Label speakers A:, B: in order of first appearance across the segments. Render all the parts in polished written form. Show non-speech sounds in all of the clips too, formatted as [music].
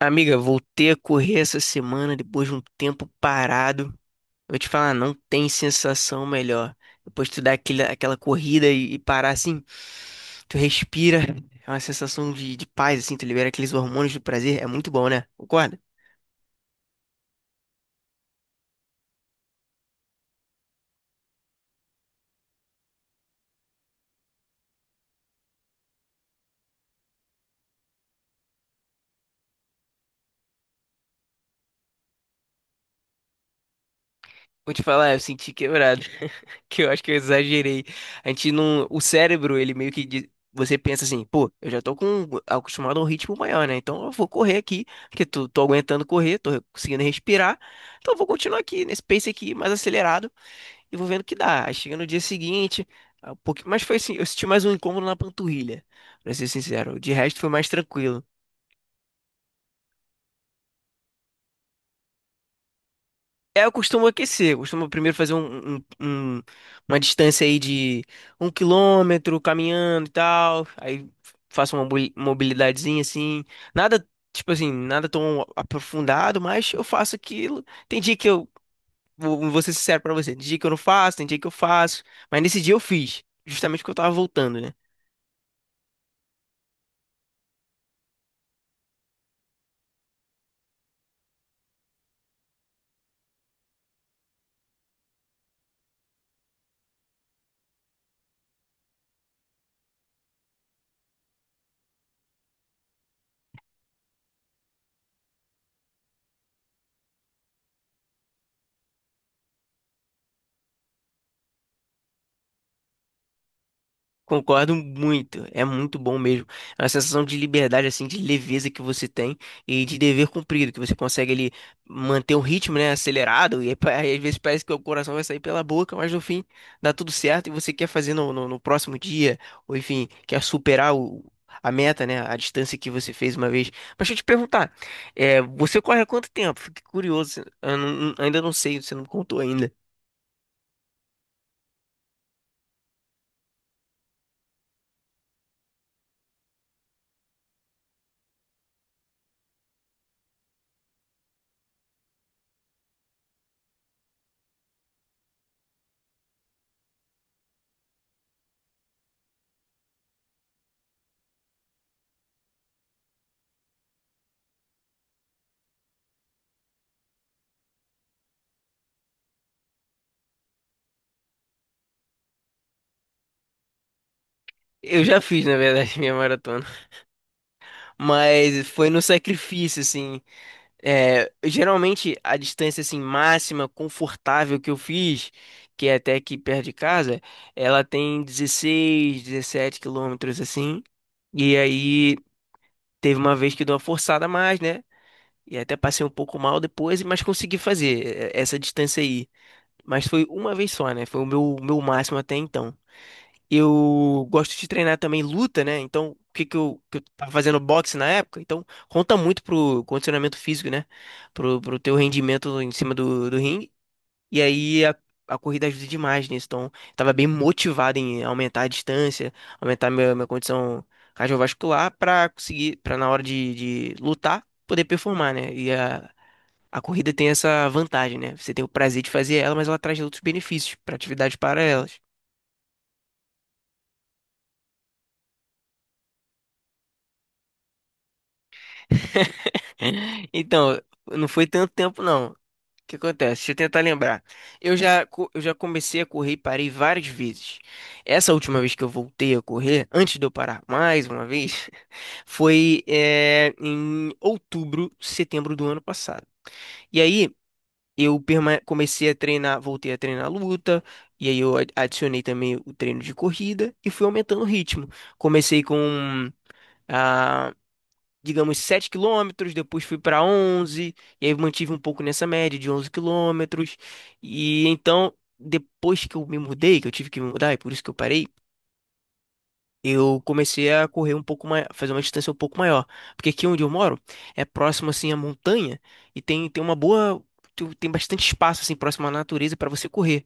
A: Amiga, voltei a correr essa semana depois de um tempo parado. Eu vou te falar, não tem sensação melhor. Depois tu dá aquela corrida e parar assim, tu respira, é uma sensação de paz, assim, tu libera aqueles hormônios do prazer, é muito bom, né? Concorda? Vou te falar, eu senti quebrado. Que eu acho que eu exagerei. A gente não. O cérebro, ele meio que. Você pensa assim, pô, eu já tô com acostumado a um ritmo maior, né? Então eu vou correr aqui, porque tô aguentando correr, tô conseguindo respirar. Então eu vou continuar aqui, nesse pace aqui, mais acelerado, e vou vendo o que dá. Aí chega no dia seguinte, ah, um pouquinho, mas foi assim, eu senti mais um incômodo na panturrilha, pra ser sincero. De resto foi mais tranquilo. É, eu costumo aquecer, eu costumo primeiro fazer uma distância aí de 1 quilômetro caminhando e tal, aí faço uma mobilidadezinha assim, nada, tipo assim, nada tão aprofundado, mas eu faço aquilo, tem dia que eu, vou ser sincero pra você, tem dia que eu não faço, tem dia que eu faço, mas nesse dia eu fiz, justamente porque eu tava voltando, né? Concordo muito, é muito bom mesmo. É uma sensação de liberdade, assim, de leveza que você tem e de dever cumprido, que você consegue ali manter o ritmo, né, acelerado, e aí, às vezes parece que o coração vai sair pela boca, mas no fim dá tudo certo e você quer fazer no próximo dia, ou enfim, quer superar a meta, né, a distância que você fez uma vez. Mas deixa eu te perguntar, você corre há quanto tempo? Fiquei curioso, eu não- ainda não sei, você não me contou ainda. Eu já fiz, na verdade, [laughs] minha maratona. Mas foi no sacrifício, assim. É, geralmente a distância assim máxima confortável que eu fiz, que é até aqui perto de casa, ela tem 16, 17 quilômetros assim. E aí teve uma vez que deu uma forçada a mais, né? E até passei um pouco mal depois, mas consegui fazer essa distância aí. Mas foi uma vez só, né? Foi o meu máximo até então. Eu gosto de treinar também luta, né? Então, o que que eu tava fazendo boxe na época? Então, conta muito pro condicionamento físico, né? Pro teu rendimento em cima do ringue. E aí a corrida ajuda demais nisso. Então, eu tava bem motivado em aumentar a distância, aumentar minha condição cardiovascular pra conseguir, pra na hora de lutar, poder performar, né? E a corrida tem essa vantagem, né? Você tem o prazer de fazer ela, mas ela traz outros benefícios pra atividades paralelas. Então, não foi tanto tempo, não. O que acontece? Deixa eu tentar lembrar. Eu já comecei a correr e parei várias vezes. Essa última vez que eu voltei a correr, antes de eu parar mais uma vez, [laughs] foi, em outubro, setembro do ano passado. E aí eu comecei a treinar, voltei a treinar luta, e aí eu adicionei também o treino de corrida e fui aumentando o ritmo. Comecei com ah, digamos, 7 quilômetros, depois fui para 11 e aí mantive um pouco nessa média de 11 quilômetros. E então, depois que eu me mudei, que eu tive que me mudar, e por isso que eu parei, eu comecei a correr um pouco mais, fazer uma distância um pouco maior. Porque aqui onde eu moro é próximo assim à montanha e tem uma boa, tem bastante espaço assim próximo à natureza para você correr.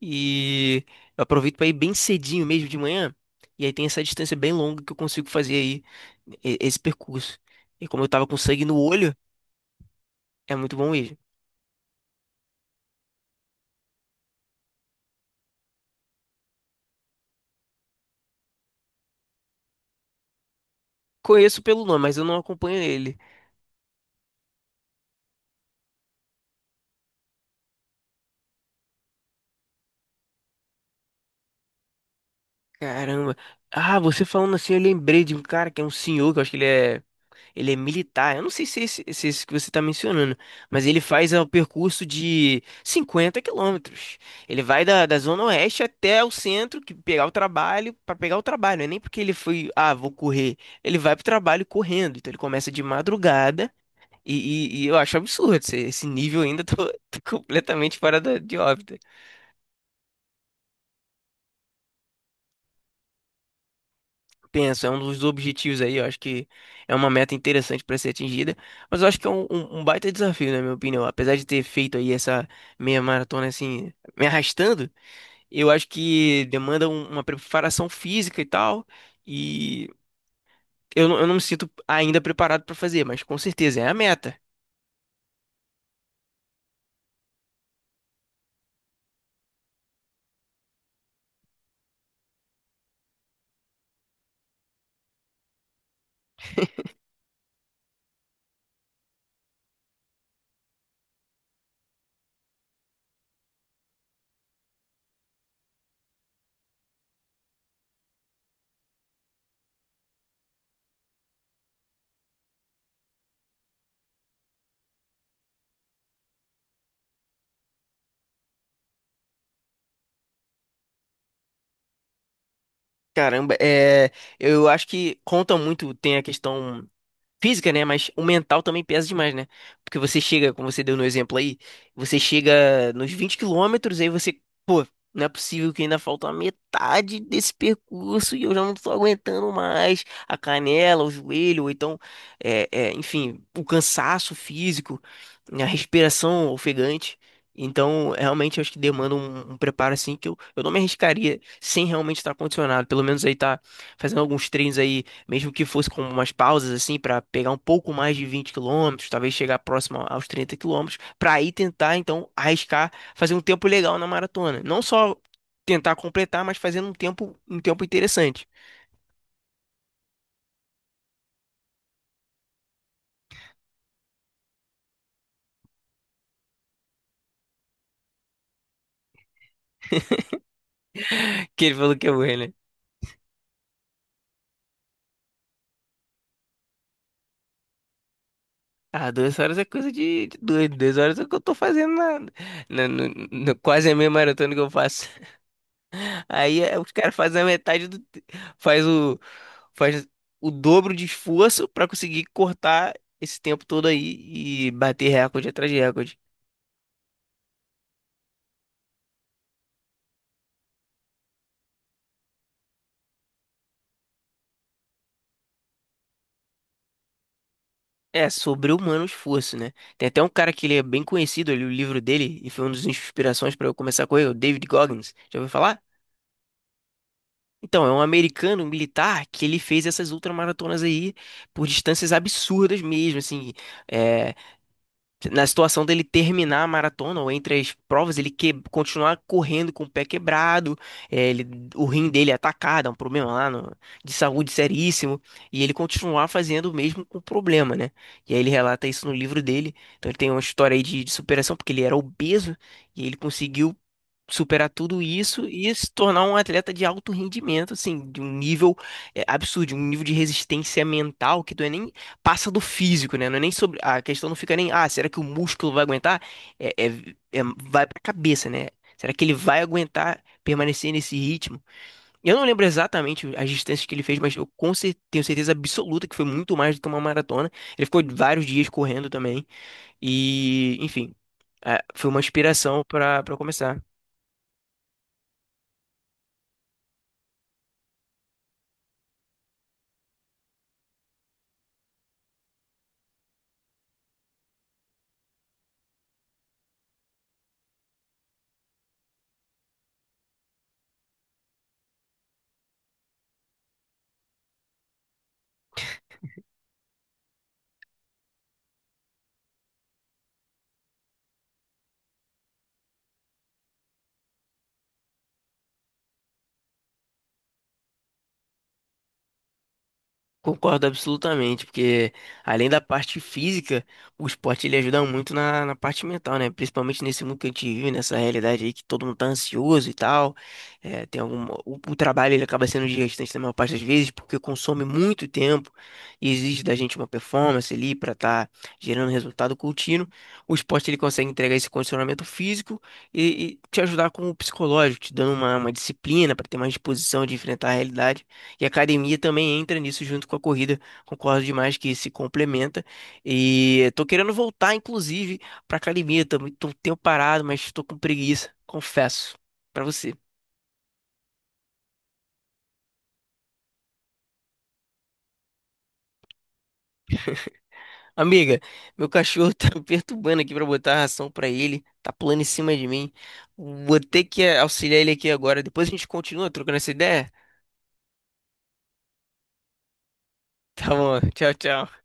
A: E eu aproveito para ir bem cedinho mesmo de manhã. E aí tem essa distância bem longa que eu consigo fazer aí esse percurso. E como eu tava com sangue no olho, é muito bom mesmo. Conheço pelo nome, mas eu não acompanho ele. Caramba. Ah, você falando assim, eu lembrei de um cara que é um senhor, que eu acho que ele é. Ele é militar. Eu não sei se é esse, se é esse que você está mencionando, mas ele faz o percurso de 50 quilômetros. Ele vai da Zona Oeste até o centro, que pegar o trabalho, para pegar o trabalho. Não é nem porque ele foi, ah, vou correr. Ele vai pro trabalho correndo. Então ele começa de madrugada. E eu acho absurdo esse nível ainda tô, [laughs] tô completamente fora de órbita. Penso, é um dos objetivos aí, eu acho que é uma meta interessante para ser atingida, mas eu acho que é um baita desafio, na minha opinião. Apesar de ter feito aí essa meia maratona assim, me arrastando, eu acho que demanda uma preparação física e tal, e eu não me sinto ainda preparado para fazer, mas com certeza é a meta. Caramba, eu acho que conta muito, tem a questão. Física, né? Mas o mental também pesa demais, né? Porque você chega, como você deu no exemplo aí, você chega nos 20 quilômetros, aí você, pô, não é possível que ainda falta a metade desse percurso e eu já não tô aguentando mais a canela, o joelho, ou então, enfim, o cansaço físico, a respiração ofegante. Então, realmente, eu acho que demanda um preparo assim que eu não me arriscaria sem realmente estar condicionado. Pelo menos aí tá fazendo alguns treinos aí mesmo que fosse com umas pausas assim para pegar um pouco mais de 20 quilômetros, talvez chegar próximo aos 30 quilômetros, para aí tentar então arriscar fazer um tempo legal na maratona. Não só tentar completar, mas fazendo um tempo interessante. [laughs] Que ele falou que é errei, né? Ah, 2 horas é coisa de doido. Duas horas é o que eu tô fazendo quase a meia maratona que eu faço. Aí os caras fazem a metade do. Faz o. Faz o dobro de esforço pra conseguir cortar esse tempo todo aí e bater recorde atrás de recorde. É, sobre-humano esforço, né? Tem até um cara que ele é bem conhecido, eu li o livro dele e foi uma das inspirações pra eu começar a correr, o David Goggins. Já ouviu falar? Então, é um americano militar que ele fez essas ultramaratonas aí por distâncias absurdas mesmo, assim. eh, Na situação dele terminar a maratona ou entre as provas, ele que... continuar correndo com o pé quebrado, ele... o rim dele é atacado, é um problema lá de saúde seríssimo, e ele continuar fazendo o mesmo com o problema, né? E aí ele relata isso no livro dele. Então ele tem uma história aí de superação, porque ele era obeso e ele conseguiu superar tudo isso e se tornar um atleta de alto rendimento, assim, de um nível absurdo, um nível de resistência mental que não é nem passa do físico, né? Não é nem sobre a questão não fica nem, ah, será que o músculo vai aguentar? É, é, é- vai pra cabeça, né? Será que ele vai aguentar permanecer nesse ritmo? Eu não lembro exatamente as distâncias que ele fez, mas eu tenho certeza absoluta que foi muito mais do que uma maratona. Ele ficou vários dias correndo também e, enfim, foi uma inspiração para começar. Concordo absolutamente, porque além da parte física, o esporte ele ajuda muito na parte mental, né? Principalmente nesse mundo que a gente vive, nessa realidade aí que todo mundo tá ansioso e tal. É, tem algum, o trabalho ele acaba sendo desgastante na maior parte das vezes, porque consome muito tempo e exige da gente uma performance ali para estar gerando resultado contínuo. O esporte ele consegue entregar esse condicionamento físico e te ajudar com o psicológico, te dando uma disciplina para ter mais disposição de enfrentar a realidade. E a academia também entra nisso junto com a corrida. Concordo demais que se complementa. E tô querendo voltar, inclusive, pra academia. Tô, muito tô um tempo parado, mas tô com preguiça, confesso, pra você. Amiga, meu cachorro [laughs] tá me perturbando aqui pra botar a ração pra ele. Tá pulando em cima de mim. Vou ter que auxiliar ele aqui agora. Depois a gente continua trocando essa ideia. Tá bom, tchau, tchau.